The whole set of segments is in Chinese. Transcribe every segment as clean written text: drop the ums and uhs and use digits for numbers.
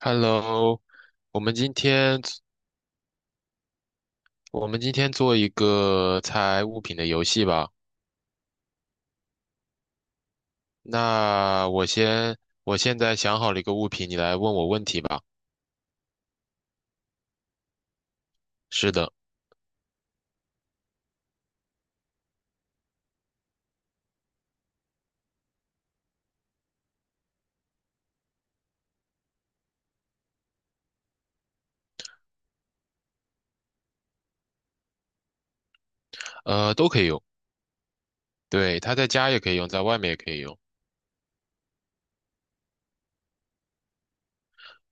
Hello，我们今天我们今天做一个猜物品的游戏吧。那我先，我现在想好了一个物品，你来问我问题吧。是的，都可以用。对，它在家也可以用，在外面也可以用。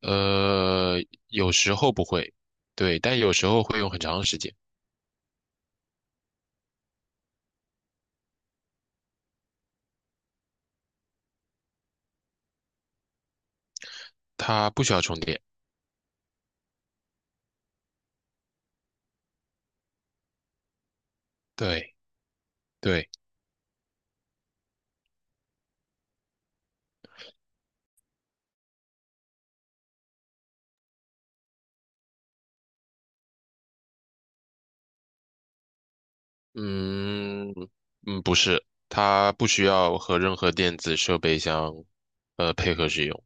呃，有时候不会，对，但有时候会用很长时间。它不需要充电。对，对，嗯嗯，不是，它不需要和任何电子设备相配合使用。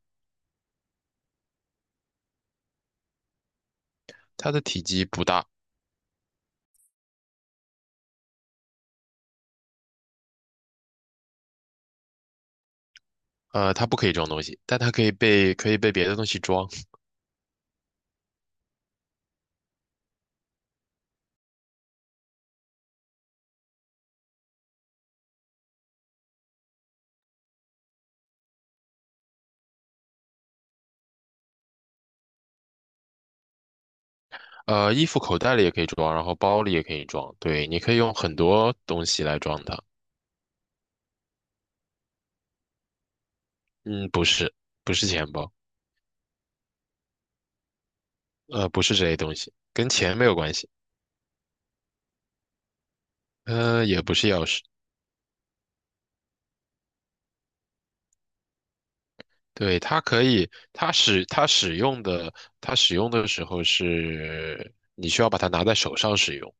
它的体积不大，它不可以装东西，但它可以被别的东西装，衣服口袋里也可以装，然后包里也可以装，对，你可以用很多东西来装它。嗯，不是，不是钱包，不是这些东西，跟钱没有关系，也不是钥匙，对，它可以，它使用的，它使用的时候是你需要把它拿在手上使用，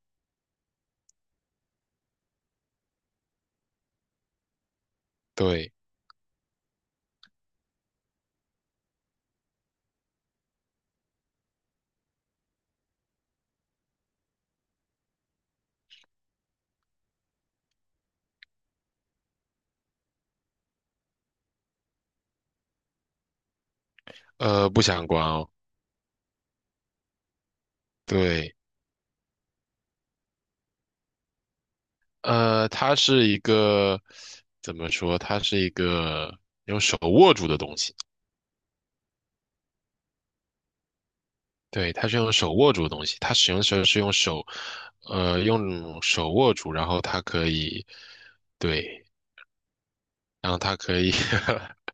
对，不相关哦，对。它是一个怎么说？它是一个用手握住的东西。对，它是用手握住的东西。它使用的时候是用手，用手握住，然后它可以，对，然后它可以，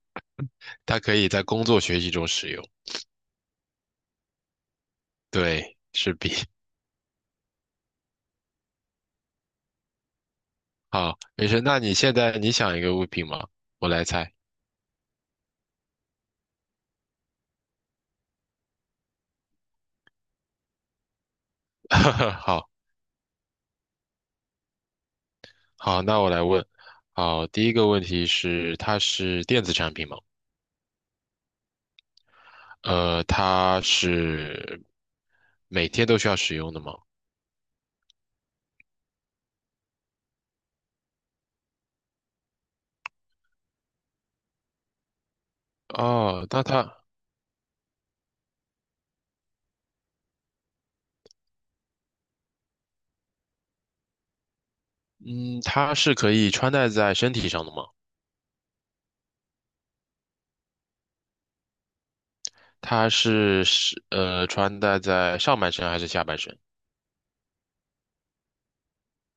它可以在工作学习中使用。对，是笔。好，没事。那你现在你想一个物品吗？我来猜。好好，那我来问。好，第一个问题是，它是电子产品吗？它是每天都需要使用的吗？哦，那它，嗯，它是可以穿戴在身体上的吗？它是穿戴在上半身还是下半身？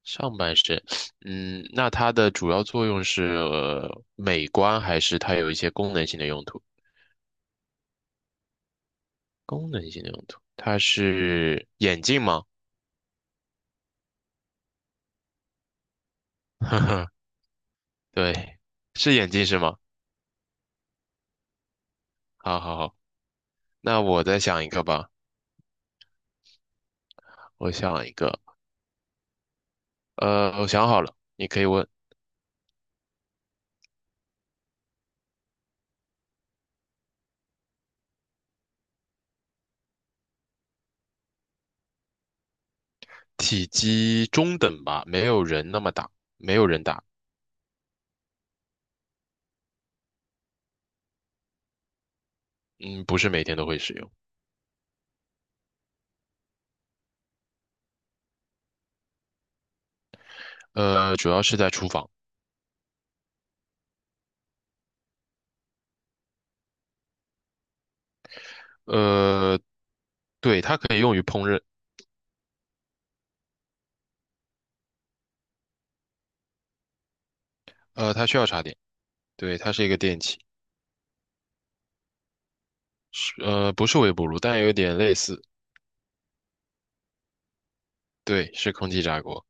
上半身，嗯，那它的主要作用是，呃美观还是它有一些功能性的用途？功能性的用途，它是眼镜吗？对，是眼镜是吗？好好好，那我再想一个吧，我想一个，我想好了，你可以问。体积中等吧，没有人那么大，没有人大。嗯，不是每天都会使用。主要是在厨房。呃，对，它可以用于烹饪。它需要插电。对，它是一个电器。不是微波炉，但有点类似。对，是空气炸锅。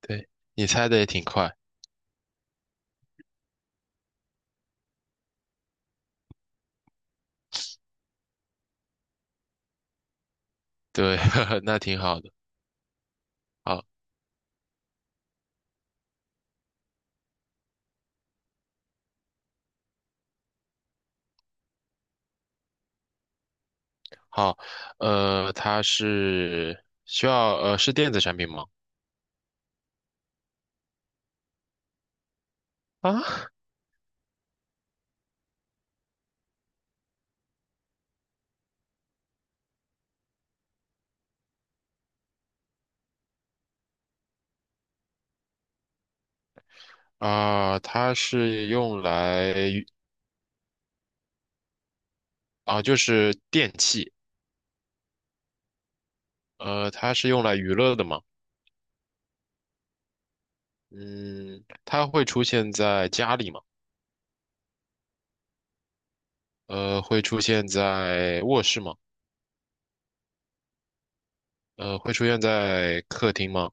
对，你猜的也挺快。对，呵呵那挺好的。好，好，它是是电子产品吗？啊，啊，它是用来娱啊，就是电器，它是用来娱乐的嘛。嗯，它会出现在家里吗？会出现在卧室吗？会出现在客厅吗？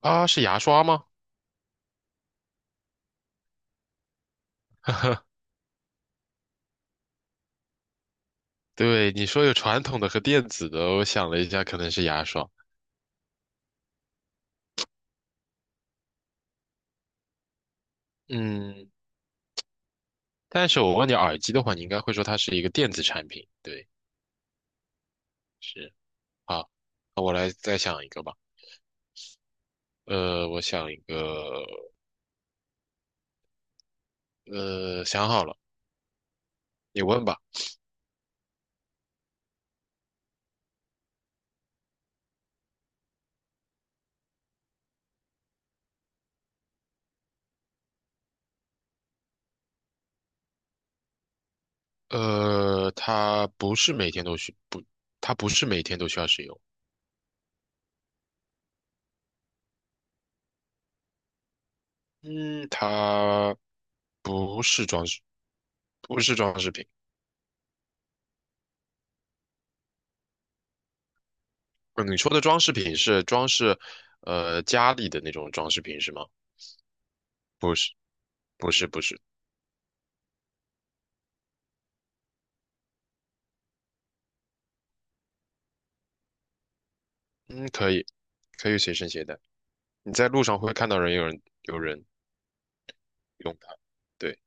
啊，是牙刷吗？对，你说有传统的和电子的，我想了一下，可能是牙刷。嗯，但是我问你耳机的话，你应该会说它是一个电子产品。对，是。好，那我来再想一个吧。我想一个，想好了。你问吧。呃，它不是每天都需不，它不是每天都需要使用。嗯，它不是装饰，不是装饰品。呃你说的装饰品是装饰，呃，家里的那种装饰品是吗？不是，不是，不是。嗯，可以，可以随身携带。你在路上会看到人有人有人用它。对，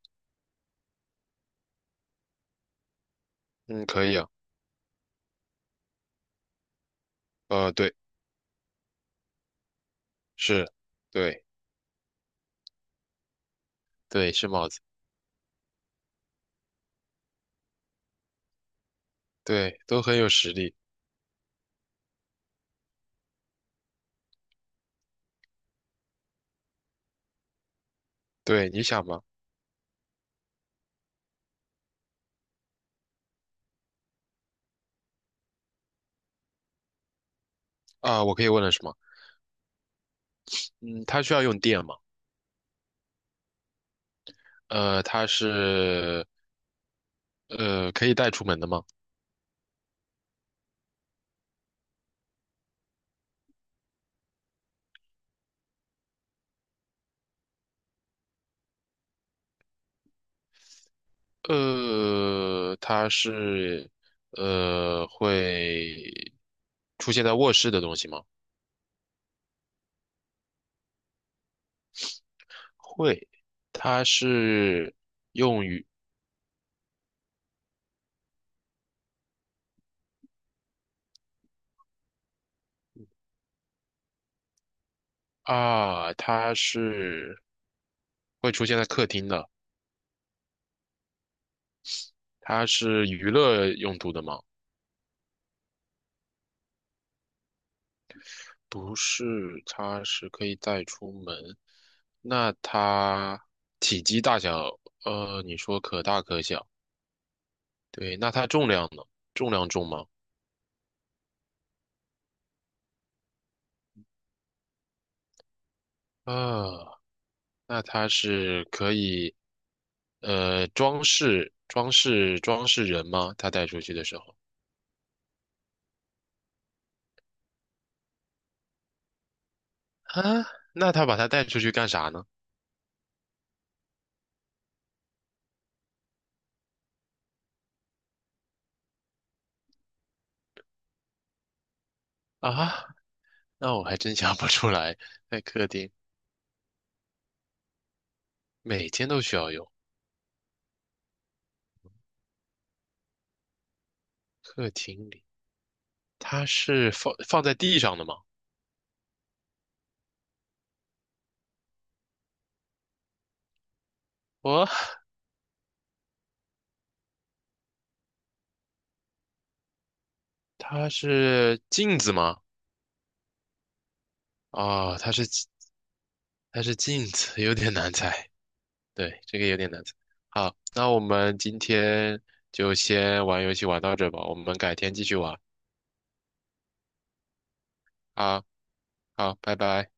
嗯，可以啊。对，是，对，对，是帽子，对，都很有实力。对，你想吗？啊，我可以问了是吗？嗯，它需要用电吗？它是可以带出门的吗？它是会出现在卧室的东西吗？会，它是啊，它是会出现在客厅的，它是娱乐用途的吗？不是，它是可以带出门。那它体积大小，你说可大可小。对，那它重量呢？重量重吗？啊，那它是可以，装饰人吗？它带出去的时候啊，那它把它带出去干啥呢？啊，那我还真想不出来。在客厅每天都需要用，客厅里它是放在地上的吗？哦，它是镜子吗？啊，它是它是镜子，有点难猜。对，这个有点难猜。好，那我们今天就先玩游戏玩到这吧，我们改天继续玩。好，好，拜拜。